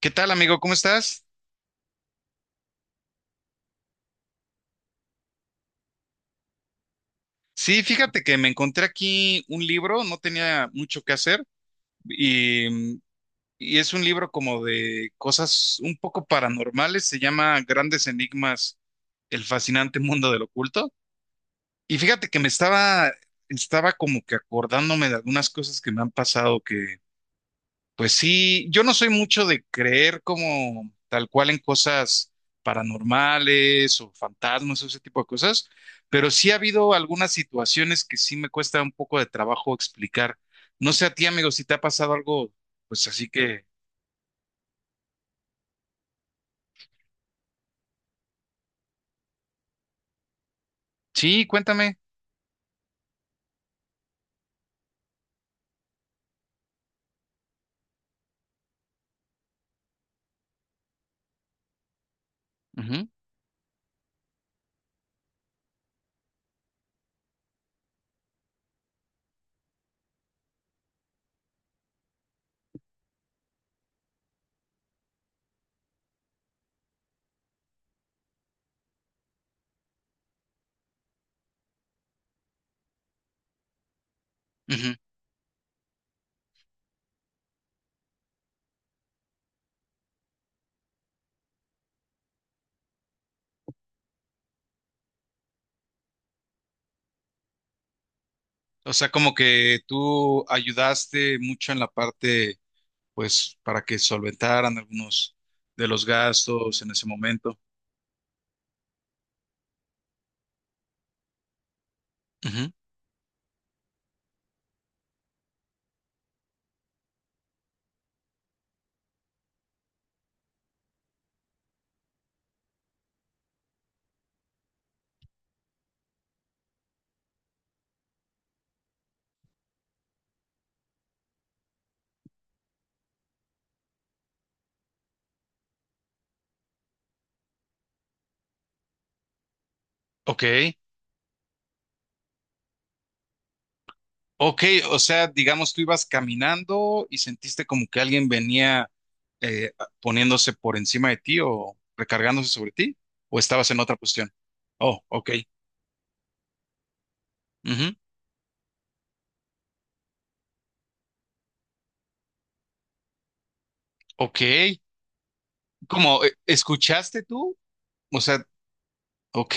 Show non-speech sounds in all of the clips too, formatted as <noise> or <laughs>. ¿Qué tal, amigo? ¿Cómo estás? Sí, fíjate que me encontré aquí un libro, no tenía mucho que hacer y, mm, y es un libro como de cosas un poco paranormales, se llama Grandes Enigmas, el fascinante mundo del oculto. Y fíjate que estaba como que acordándome de algunas cosas que me han pasado que pues sí, yo no soy mucho de creer como tal cual en cosas paranormales o fantasmas o ese tipo de cosas, pero sí ha habido algunas situaciones que sí me cuesta un poco de trabajo explicar. No sé a ti, amigo, si te ha pasado algo, pues así que sí, cuéntame. Ujú. Ujú. O sea, como que tú ayudaste mucho en la parte, pues, para que solventaran algunos de los gastos en ese momento. Ujú. Ok. Ok, o sea, digamos, tú ibas caminando y sentiste como que alguien venía eh, poniéndose por encima de ti o recargándose sobre ti, o estabas en otra posición. Oh, ok. Ujú. Ok. Como, ¿escuchaste tú? O sea, ok.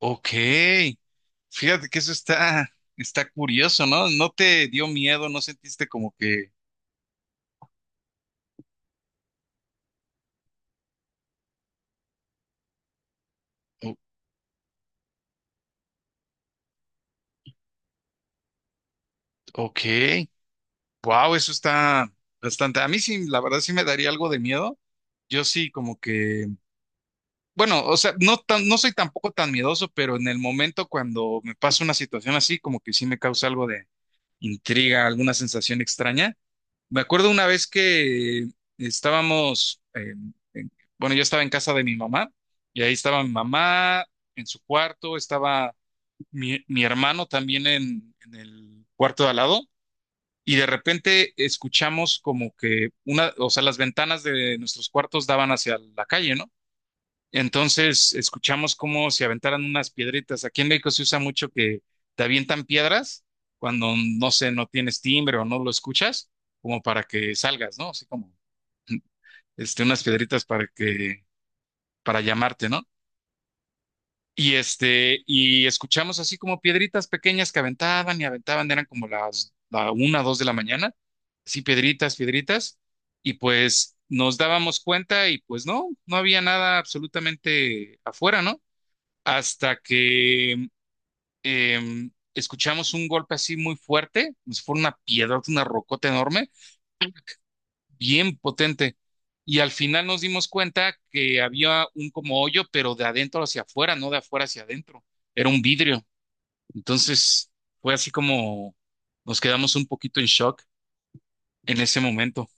Ok. Fíjate que está curioso, ¿no? No te dio miedo, no sentiste como que o- ok, wow, eso está bastante. A mí sí, la verdad sí me daría algo de miedo. Yo sí, como que. Bueno, o sea, no tan, no soy tampoco tan miedoso, pero en el momento cuando me pasa una situación así, como que sí me causa algo de intriga, alguna sensación extraña. Me acuerdo una vez que estábamos, eh, en- bueno, yo estaba en casa de mi mamá y ahí estaba mi mamá en su cuarto, estaba mi hermano también en el cuarto de al lado y de repente escuchamos como que una, o sea, las ventanas de nuestros cuartos daban hacia la calle, ¿no? Entonces escuchamos cómo se aventaran unas piedritas. Aquí en México se usa mucho que te avientan piedras cuando, no sé, no tienes timbre o no lo escuchas, como para que salgas, ¿no? Así como <laughs> este, unas piedritas para que, para llamarte, ¿no? Y este, y escuchamos así como piedritas pequeñas que aventaban y aventaban, eran como las la una, dos de la mañana, así piedritas, piedritas, y pues nos dábamos cuenta y pues no, no había nada absolutamente afuera, ¿no? Hasta que escuchamos un golpe así muy fuerte, pues fue una piedra, una rocota enorme, bien potente. Y al final nos dimos cuenta que había un como hoyo, pero de adentro hacia afuera, no de afuera hacia adentro. Era un vidrio. Entonces fue así como nos quedamos un poquito en shock en ese momento.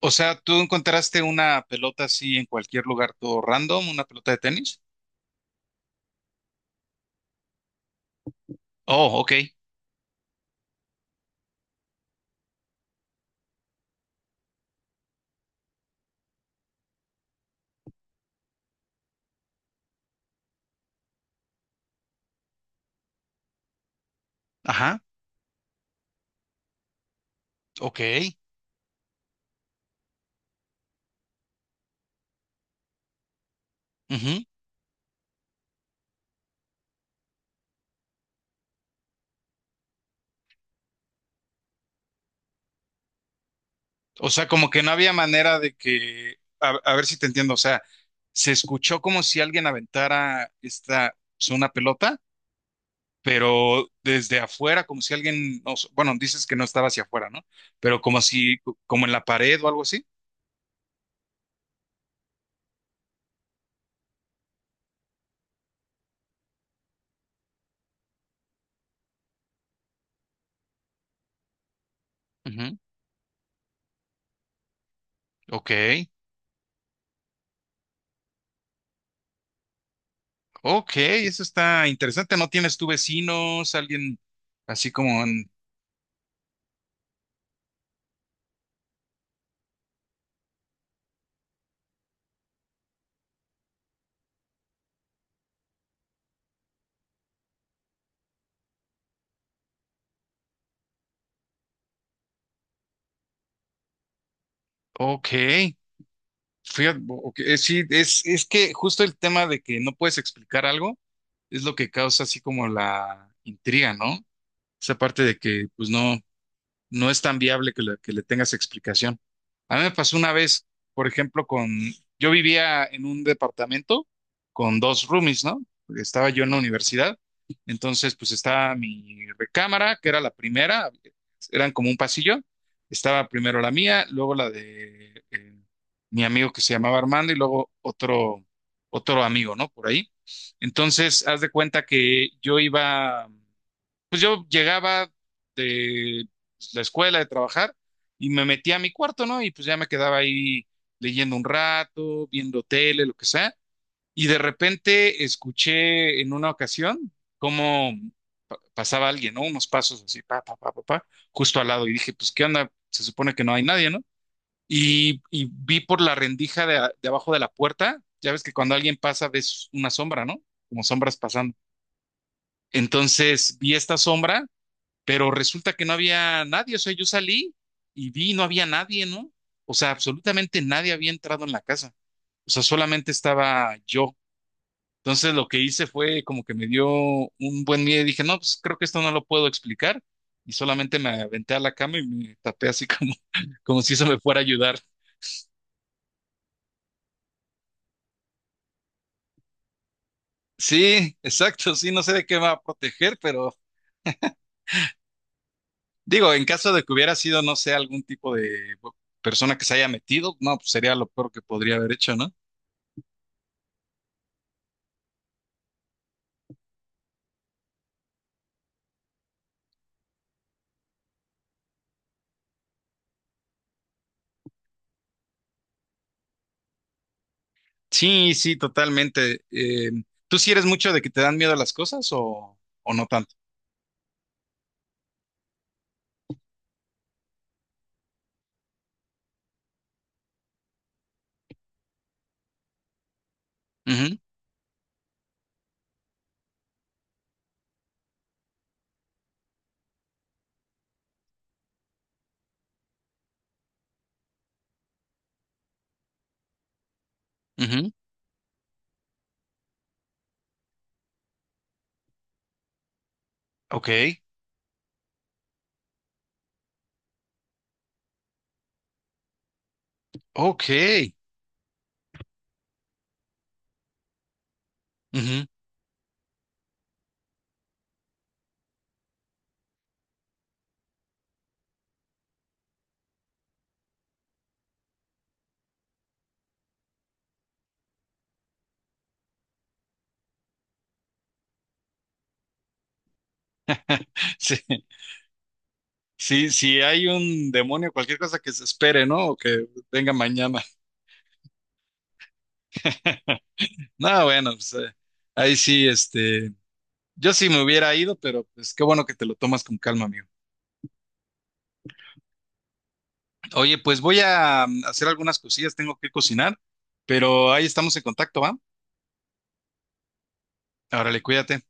O sea, ¿tú encontraste una pelota así en cualquier lugar, todo random, una pelota de tenis? Oh, ok. Ajá, ok. Ujú. O sea, como que no había manera de que, a ver si te entiendo, o sea, se escuchó como si alguien aventara esta, pues, una pelota, pero desde afuera, como si alguien, no sé, bueno, dices que no estaba hacia afuera, ¿no? Pero como si, como en la pared o algo así. Ujú. Ok, ok, eso está interesante. ¿No tienes tú vecinos, alguien así como en... Ok, fíjate, ok, sí, es que justo el tema de que no puedes explicar algo es lo que causa así como la intriga, ¿no? Esa parte de que, pues no no es tan viable que que le tengas explicación. A mí me pasó una vez, por ejemplo, yo vivía en un departamento con dos roomies, ¿no? Estaba yo en la universidad, entonces pues estaba mi recámara, que era la primera, eran como un pasillo, estaba primero la mía, luego la de mi amigo que se llamaba Armando y luego otro amigo, ¿no? Por ahí. Entonces, haz de cuenta que yo iba pues yo llegaba de pues, la escuela, de trabajar, y me metía a mi cuarto, ¿no? Y pues ya me quedaba ahí leyendo un rato, viendo tele, lo que sea. Y de repente escuché en una ocasión cómo pasaba alguien, ¿no? Unos pasos así, pa, pa, pa, pa, pa, justo al lado. Y dije, pues, ¿qué onda? Se supone que no hay nadie, ¿no? Y vi por la rendija de abajo de la puerta, ya ves que cuando alguien pasa ves una sombra, ¿no? Como sombras pasando. Entonces vi esta sombra pero resulta que no había nadie, o sea, yo salí y vi, y no había nadie, ¿no? O sea, absolutamente nadie había entrado en la casa, o sea, solamente estaba yo. Entonces lo que hice fue como que me dio un buen miedo y dije, no, pues creo que esto no lo puedo explicar. Y solamente me aventé a la cama y me tapé así como, <laughs> como si eso me fuera a ayudar. Sí, exacto, sí, no sé de qué me va a proteger, pero digo, en caso de que hubiera sido, no sé, algún tipo de persona que se haya metido, no, pues sería lo peor que podría haber hecho, ¿no? Sí, sí, totalmente. ¿Tú sí eres mucho de que te dan miedo las cosas o no tanto? Ujú, ujú. Ok, ok. Ujú. <laughs> Sí, sí, sí hay un demonio, cualquier cosa que se espere, ¿no? O que venga mañana. No, bueno, pues ahí sí, este, yo sí me hubiera ido, pero pues qué bueno que te lo tomas con calma, amigo. Oye, pues voy a hacer algunas cosillas, tengo que cocinar, pero ahí estamos en contacto, ¿va? Órale, cuídate.